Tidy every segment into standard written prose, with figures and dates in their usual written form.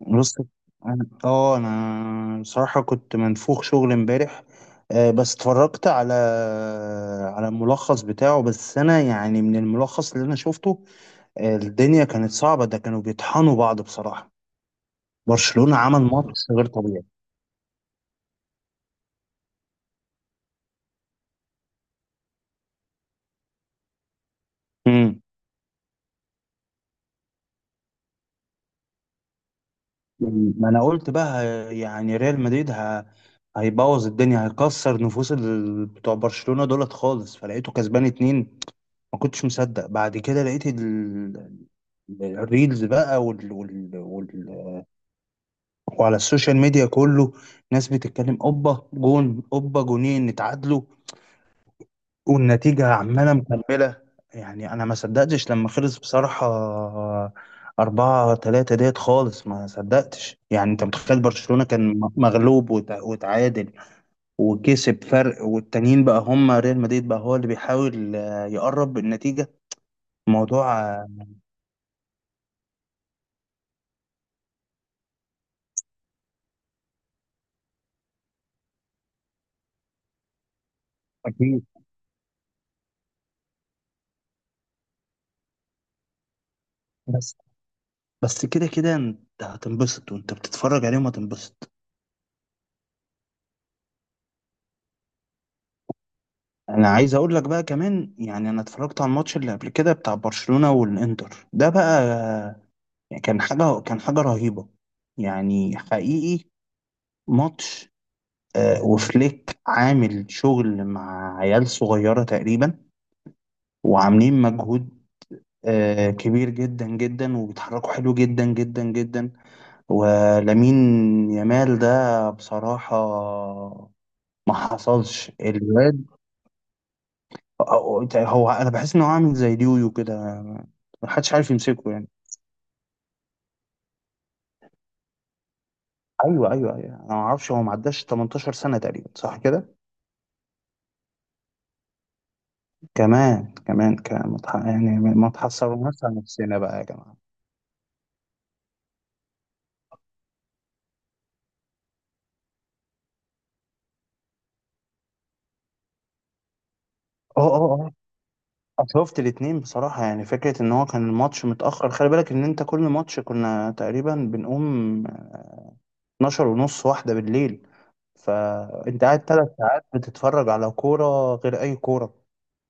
بص. انا اه انا بصراحة كنت منفوخ شغل امبارح. بس اتفرجت على الملخص بتاعه، بس انا يعني من الملخص اللي انا شفته، الدنيا كانت صعبة، ده كانوا بيطحنوا بعض بصراحة. برشلونة عمل ماتش غير طبيعي. امم. ما انا قلت بقى ه- يعني ريال مدريد هيبوظ الدنيا، هيكسر نفوس بتوع برشلونة دولت خالص، فلقيته كسبان اتنين. ما كنتش مصدق. بعد كده لقيت الريلز بقى وال... وال... وال... وعلى السوشيال ميديا كله ناس بتتكلم، اوبا جون اوبا جونين، نتعادلوا والنتيجة عمالة مكملة. يعني أنا ما صدقتش لما خلص بصراحة. أربعة تلاتة ديت خالص، ما صدقتش. يعني أنت متخيل برشلونة كان مغلوب وتعادل وكسب فرق، والتانيين بقى هم ريال مدريد بقى هو اللي بيحاول يقرب النتيجة. موضوع. أكيد. بس بس كده كده انت هتنبسط، وانت بتتفرج عليهم هتنبسط. انا عايز اقول لك بقى كمان، يعني انا اتفرجت على الماتش اللي قبل كده بتاع برشلونة والانتر ده بقى، يعني كان حاجة رهيبة. يعني حقيقي، ماتش وفليك عامل شغل مع عيال صغيرة تقريبا، وعاملين مجهود كبير جدا جدا، وبيتحركوا حلو جدا جدا جدا. ولامين يامال ده بصراحة، ما حصلش الواد. هو انا بحس انه عامل زي اليويو كده، ما حدش عارف يمسكه يعني. ايوه ايوه ايوه، انا ما اعرفش، هو ما عداش 18 سنه تقريبا صح كده؟ كمان كمان كمان، يعني ما تحصرناش على نفسنا بقى يا جماعه. اه اه اه، شفت الاتنين بصراحة. يعني فكرة ان هو كان الماتش متأخر، خلي بالك ان انت كل ماتش كنا تقريبا بنقوم 12 ونص، واحدة بالليل، فانت قاعد تلات ساعات بتتفرج على كورة غير اي كورة.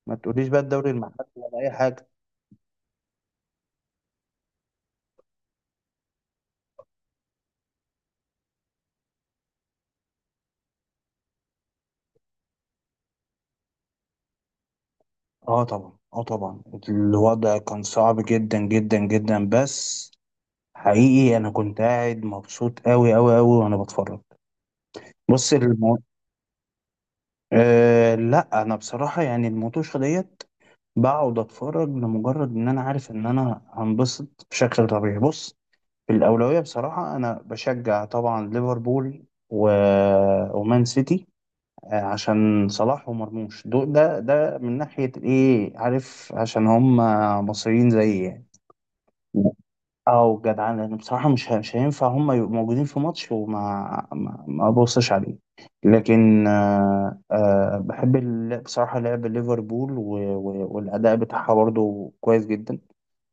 ما تقوليش بقى الدوري المحلي ولا اي حاجة. اه طبعا، اه طبعا. الوضع كان صعب جدا جدا جدا، بس حقيقي انا كنت قاعد مبسوط قوي قوي قوي وانا بتفرج. بص المو... لا، انا بصراحة يعني الموتوشة ديت، بقعد اتفرج لمجرد ان انا عارف ان انا هنبسط بشكل طبيعي. بص، في الاولوية بصراحة انا بشجع طبعا ليفربول و... ومان سيتي، عشان صلاح ومرموش دول، ده من ناحية الايه، عارف، عشان هم مصريين زيي يعني. او جدعان، لان بصراحه مش هينفع هم يبقوا موجودين في ماتش وما ما, ما ابصش عليه. لكن بحب بصراحه لعب ليفربول و- و- والاداء بتاعها برضه كويس جدا.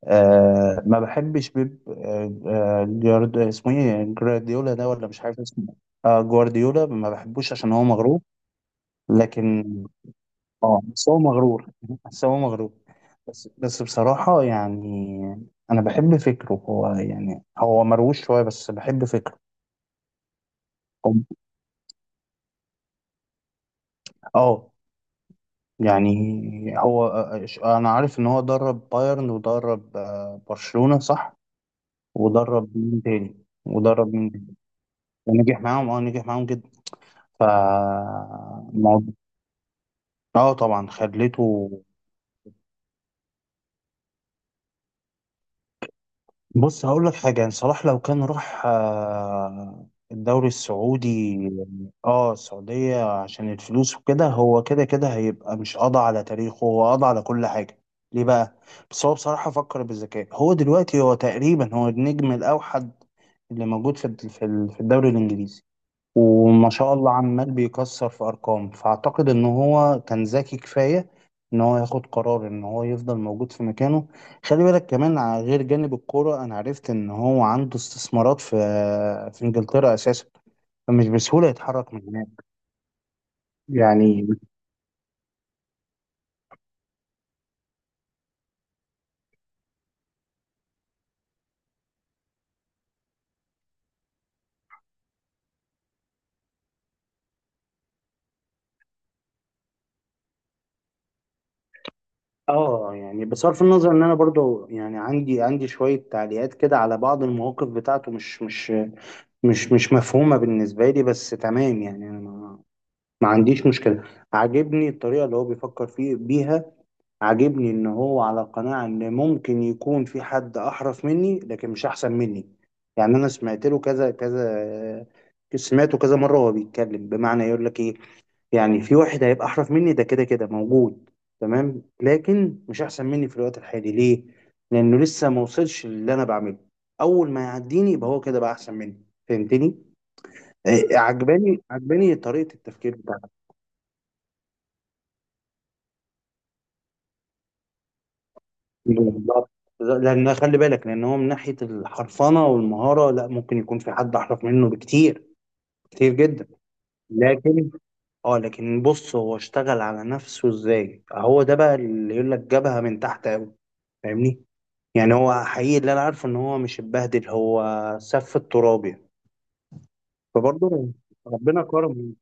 ما بحبش بيب، اسمه ايه، جوارديولا ده، ولا مش عارف اسمه؟ جوارديولا ما بحبوش عشان هو مغرور. لكن اه بس هو مغرور بس هو مغرور. بس بصراحة، يعني أنا بحب فكره، هو يعني هو مروش شوية بس بحب فكره. هو- اه يعني هو، أنا عارف إن هو درب بايرن، ودرب برشلونة صح. ودرب مين تاني؟ ودرب مين تاني؟ ونجح معاهم، نجح معاهم جدا. ف الموضوع- اه طبعا، خليته. بص هقول لك حاجة، يعني صلاح لو كان راح الدوري السعودي. اه، السعودية عشان الفلوس وكده، هو كده كده هيبقى، مش قضى على تاريخه، هو قضى على كل حاجة. ليه بقى؟ بس هو بصراحة فكر بالذكاء، هو دلوقتي هو تقريبا هو النجم الأوحد اللي موجود في في الدوري الإنجليزي، وما شاء الله عمال بيكسر في ارقام، فاعتقد ان هو كان ذكي كفايه ان هو ياخد قرار ان هو يفضل موجود في مكانه. خلي بالك كمان على غير جانب الكوره، انا عرفت ان هو عنده استثمارات في انجلترا اساسا، فمش بسهوله يتحرك من هناك يعني. اه يعني بصرف النظر ان انا برضو يعني عندي شويه تعليقات كده على بعض المواقف بتاعته مش مفهومه بالنسبه لي، بس تمام يعني انا ما عنديش مشكلة. عاجبني الطريقة اللي هو بيفكر فيه بيها، عاجبني ان هو على قناعة ان ممكن يكون في حد احرف مني لكن مش احسن مني. يعني انا سمعت له كذا كذا، سمعته كذا مرة وهو بيتكلم، بمعنى يقول لك ايه؟ يعني في واحد هيبقى احرف مني ده كده كده موجود، تمام، لكن مش احسن مني في الوقت الحالي ليه؟ لانه لسه ما وصلش للي انا بعمله. اول ما يعديني يبقى هو كده بقى احسن مني، فهمتني؟ إيه، عجباني طريقة التفكير بتاعته. بالظبط، لان خلي بالك لان هو من ناحيه الحرفنه والمهاره، لا ممكن يكون في حد احرف منه بكتير. كتير جدا. لكن بص هو اشتغل على نفسه ازاي، هو ده بقى اللي يقول لك جابها من تحت قوي. فاهمني؟ يعني هو حقيقي اللي انا عارفه ان هو مش اتبهدل، هو سف التراب يعني. فبرضه ربنا كرمه.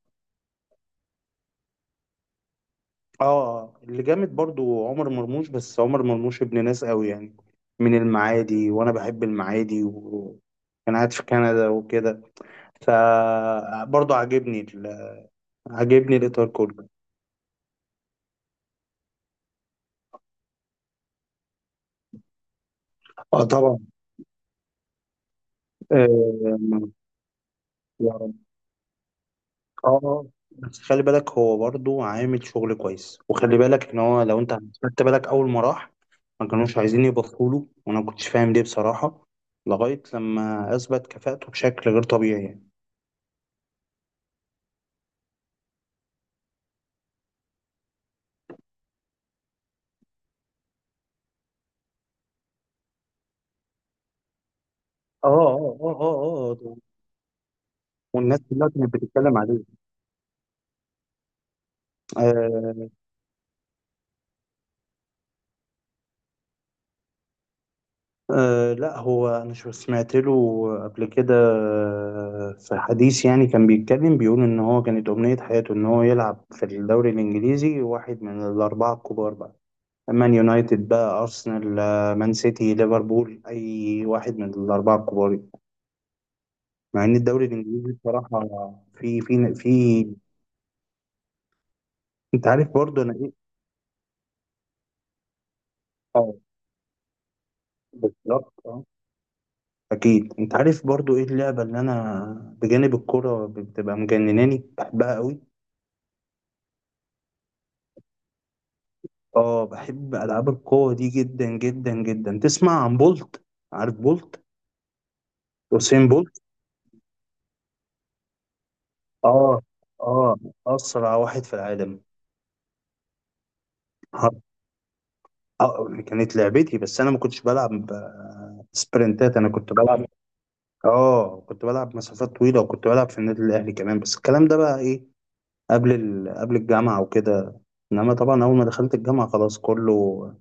اه، اللي جامد برضه عمر مرموش، بس عمر مرموش ابن ناس قوي يعني، من المعادي، وانا بحب المعادي، وكان قاعد في كندا وكده. فبرضه عاجبني الاطار كله. اه طبعا. آه، يا رب. اه، بس خلي بالك هو برضه عامل شغل كويس. وخلي بالك ان هو، لو انت خدت بالك اول ما راح، ما كانوش عايزين يبطلوا له، وانا ما كنتش فاهم ليه بصراحة، لغاية لما اثبت كفاءته بشكل غير طبيعي يعني. اه اه اه اه اه، والناس كلها كانت بتتكلم عليه. أه لا، هو انا سمعت له قبل كده في حديث، يعني كان بيتكلم بيقول ان هو كانت امنية حياته ان هو يلعب في الدوري الانجليزي، واحد من الاربعة الكبار بقى، مان يونايتد بقى، ارسنال، مان سيتي، ليفربول، اي واحد من الاربعة الكبار. مع ان الدوري الانجليزي بصراحة، في في في انت عارف برضه انا ايه. اه بالظبط اه. اكيد انت عارف برضه ايه اللعبة اللي انا بجانب الكرة بتبقى مجنناني، بحبها قوي. اه بحب العاب القوه دي جدا جدا جدا. تسمع عن بولت؟ عارف بولت؟ يوسين بولت؟ اه اه، اسرع واحد في العالم. ح- كانت لعبتي، بس انا ما كنتش بلعب سبرنتات. انا كنت بلعب. اه كنت بلعب مسافات طويله، وكنت بلعب في النادي الاهلي كمان، بس الكلام ده بقى ايه، قبل الجامعه وكده. انما طبعا اول ما دخلت الجامعه خلاص،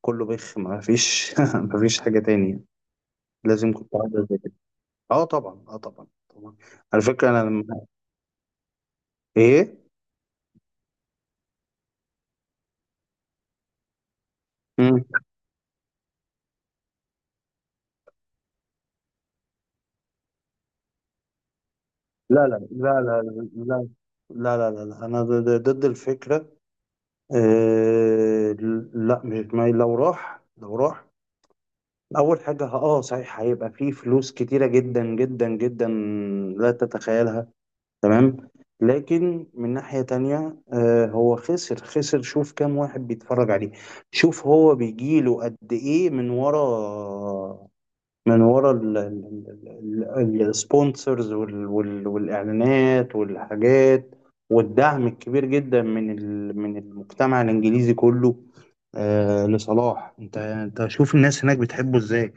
كله بخ، ما فيش ما فيش حاجه تانية. لازم كنت أقعد. اه طبعا اه طبعا طبعا. على فكره انا لما ايه. مم. لا لا لا لا لا لا لا لا لا، انا ضد الفكره. آه لا، مش ما لو راح لو راح، اول حاجه صحيح، هيبقى فيه فلوس كتيره جدا جدا جدا، لا تتخيلها. تمام. لكن من ناحيه تانية، هو خسر، شوف كام واحد بيتفرج عليه. شوف هو بيجيله قد ايه من ورا، من ورا السبونسرز والاعلانات والحاجات، والدعم الكبير جدا من المجتمع الانجليزي كله، لصلاح. انت شوف الناس هناك بتحبه ازاي.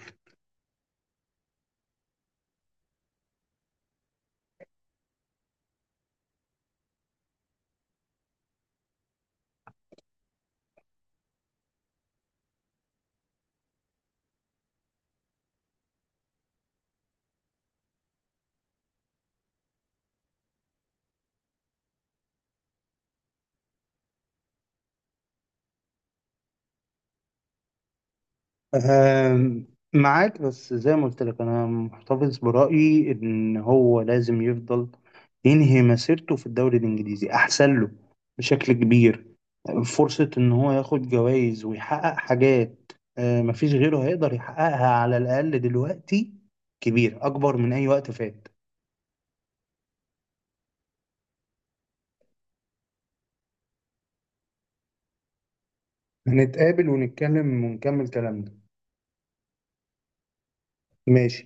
آه معاك، بس زي ما قلت لك انا محتفظ برأيي ان هو لازم يفضل ينهي مسيرته في الدوري الانجليزي، احسن له بشكل كبير. فرصة إن هو ياخد جوائز ويحقق حاجات مفيش غيره هيقدر يحققها، على الأقل دلوقتي، كبير، أكبر من أي وقت فات. هنتقابل ونتكلم ونكمل كلامنا. ماشي.